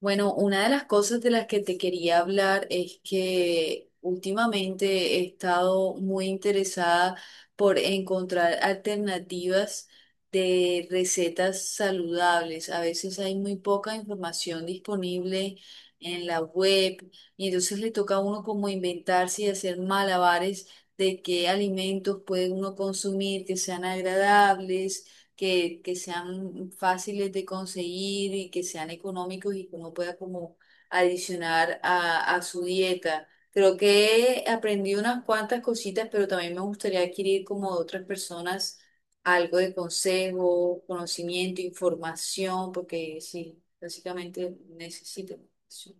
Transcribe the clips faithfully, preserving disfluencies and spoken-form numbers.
Bueno, una de las cosas de las que te quería hablar es que últimamente he estado muy interesada por encontrar alternativas de recetas saludables. A veces hay muy poca información disponible en la web, y entonces le toca a uno como inventarse y hacer malabares de qué alimentos puede uno consumir que sean agradables, que, que sean fáciles de conseguir y que sean económicos y que uno pueda como adicionar a, a su dieta. Creo que aprendí unas cuantas cositas, pero también me gustaría adquirir como de otras personas algo de consejo, conocimiento, información, porque sí, básicamente necesito información.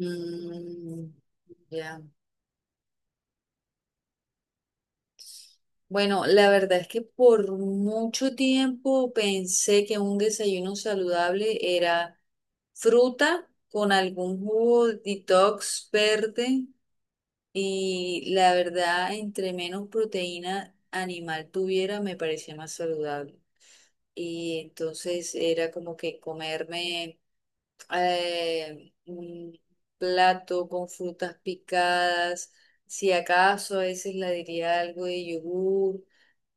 Mm, ya. Bueno, la verdad es que por mucho tiempo pensé que un desayuno saludable era fruta con algún jugo detox verde, y la verdad, entre menos proteína animal tuviera, me parecía más saludable. Y entonces era como que comerme eh, un plato con frutas picadas, si acaso a veces la diría algo de yogur,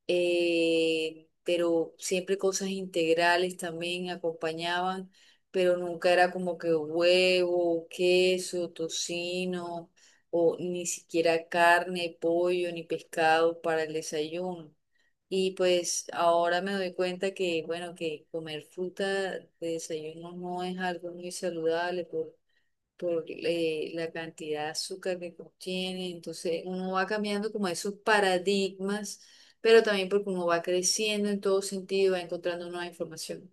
eh, pero siempre cosas integrales también acompañaban, pero nunca era como que huevo, queso, tocino, o ni siquiera carne, pollo, ni pescado para el desayuno. Y pues ahora me doy cuenta que, bueno, que comer fruta de desayuno no es algo muy saludable por, por eh, la cantidad de azúcar que contiene. Entonces uno va cambiando como esos paradigmas, pero también porque uno va creciendo en todo sentido, va encontrando nueva información.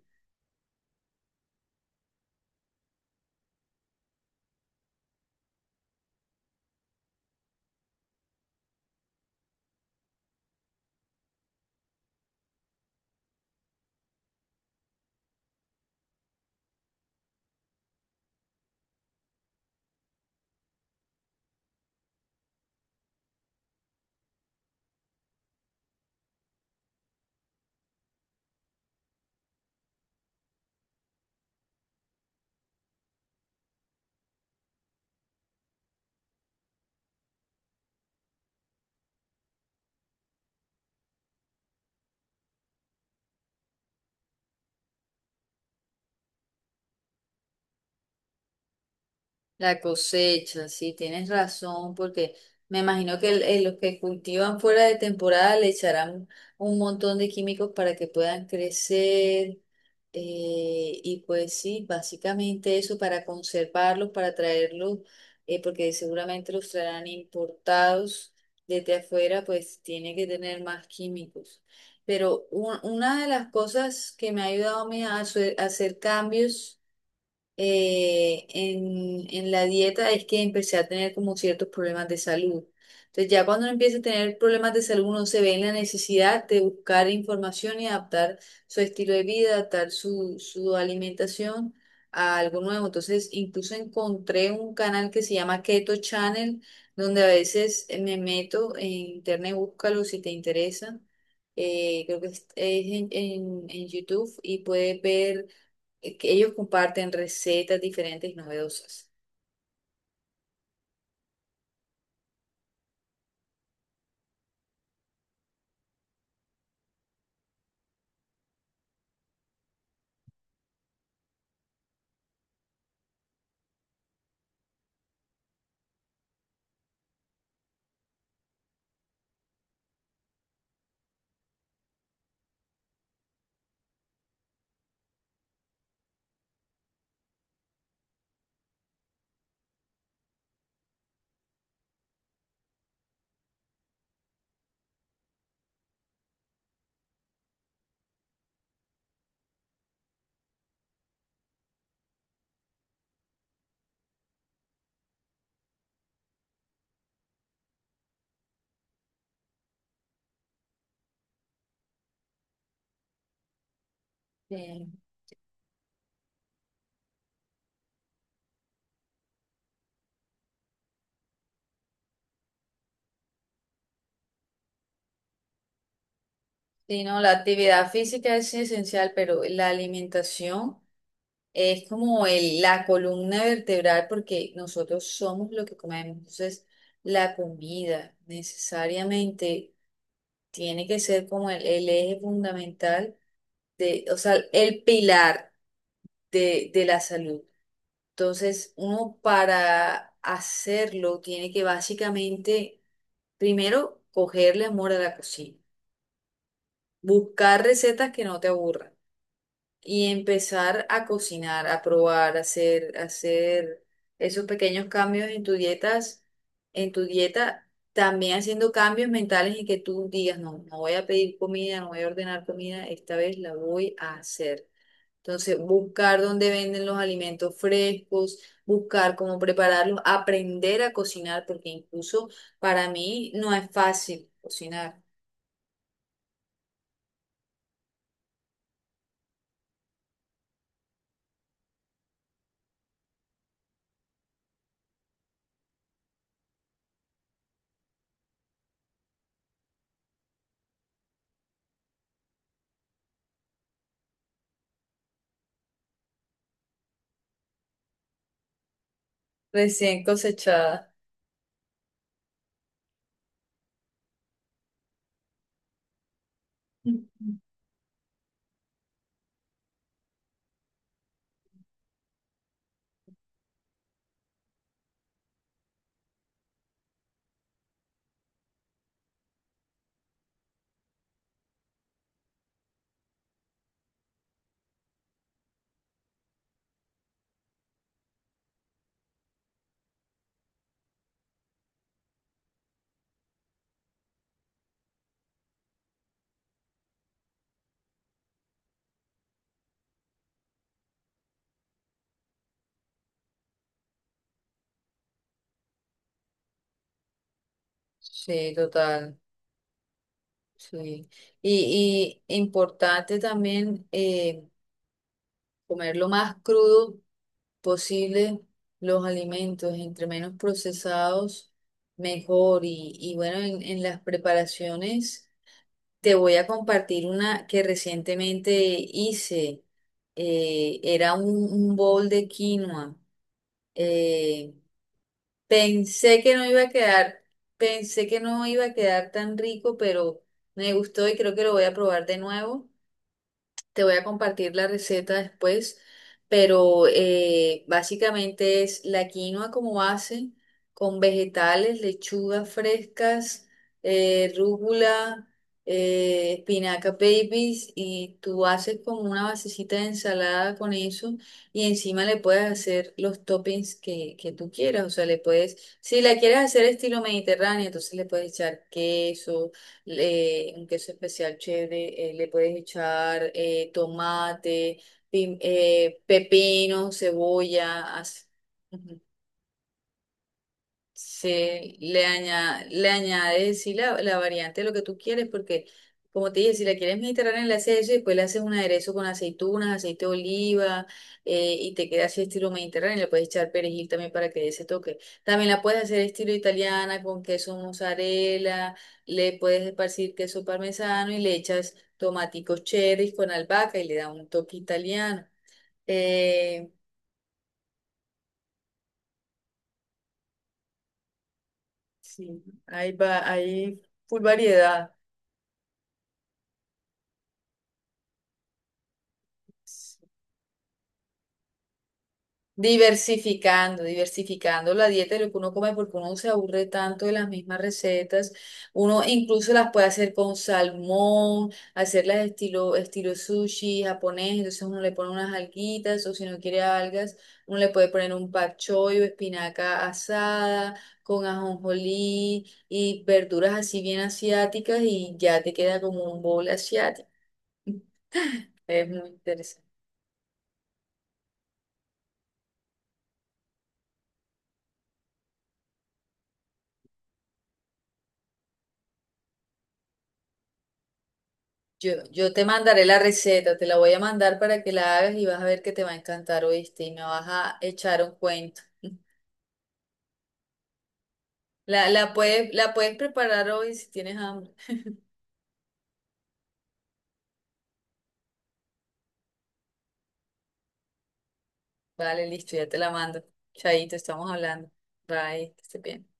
La cosecha, sí, tienes razón, porque me imagino que el- eh, los que cultivan fuera de temporada le echarán un montón de químicos para que puedan crecer. Eh, y pues sí, básicamente eso para conservarlos, para traerlos, eh, porque seguramente los traerán importados desde afuera, pues tiene que tener más químicos. Pero un- una de las cosas que me ha ayudado a mí a hacer a hacer cambios eh, en, en la dieta es que empecé a tener como ciertos problemas de salud. Entonces ya cuando uno empieza a tener problemas de salud, uno se ve en la necesidad de buscar información y adaptar su estilo de vida, adaptar su, su alimentación a algo nuevo. Entonces incluso encontré un canal que se llama Keto Channel, donde a veces me meto en internet, búscalo si te interesa. Eh, creo que es es en, en en YouTube, y puedes ver eh, que ellos comparten recetas diferentes y novedosas. Sí. Sí, no, la actividad física es esencial, pero la alimentación es como el- la columna vertebral, porque nosotros somos lo que comemos. Entonces, la comida necesariamente tiene que ser como el, el eje fundamental de, o sea, el pilar de, de la salud. Entonces, uno para hacerlo tiene que básicamente primero cogerle amor a la cocina, buscar recetas que no te aburran y empezar a cocinar, a probar, a hacer, a hacer esos pequeños cambios en tu dietas, en tu dieta, también haciendo cambios mentales en que tú digas, no, no voy a pedir comida, no voy a ordenar comida, esta vez la voy a hacer. Entonces, buscar dónde venden los alimentos frescos, buscar cómo prepararlos, aprender a cocinar, porque incluso para mí no es fácil cocinar. Recién cosechada. Ujú. Sí, total. Sí. Y, y importante también, eh, comer lo más crudo posible los alimentos. Entre menos procesados, mejor. Y, y bueno, en, en las preparaciones te voy a compartir una que recientemente hice. Eh, era un, un bowl de quinoa. Eh, Pensé que no iba a quedar, pensé que no iba a quedar tan rico, pero me gustó y creo que lo voy a probar de nuevo. Te voy a compartir la receta después, pero eh, básicamente es la quinoa como base, con vegetales, lechugas frescas, eh, rúcula, eh, espinaca babies, y tú haces como una basecita de ensalada con eso, y encima le puedes hacer los toppings que, que tú quieras, o sea, le puedes, si la quieres hacer estilo mediterráneo, entonces le puedes echar queso, le- un queso especial chévere, eh, le puedes echar eh, tomate, pim- eh, pepino, cebolla, así. Sí, le aña- le añades, sí, la, la variante de lo que tú quieres, porque como te dije, si la quieres mediterránea, le haces eso y después le haces un aderezo con aceitunas, aceite de oliva, eh, y te queda así estilo mediterráneo, le puedes echar perejil también para que dé ese toque. También la puedes hacer estilo italiana con queso mozzarella, le puedes esparcir queso parmesano y le echas tomaticos cherry con albahaca, y le da un toque italiano. Eh, sí, hay, va, hay full variedad. Diversificando, diversificando la dieta de lo que uno come, porque uno se aburre tanto de las mismas recetas. Uno incluso las puede hacer con salmón, hacerlas estilo, estilo sushi japonés. Entonces uno le pone unas alguitas, o si no quiere algas, uno le puede poner un pak choi, o espinaca asada con ajonjolí y verduras así bien asiáticas, y ya te queda como un bowl asiático. Es muy interesante. Yo, yo te mandaré la receta, te la voy a mandar para que la hagas y vas a ver que te va a encantar, ¿oíste? Y me vas a echar un cuento. La, la puedes, la puedes preparar hoy si tienes hambre. Vale, listo, ya te la mando. Chaito, estamos hablando. Bye, que estés bien.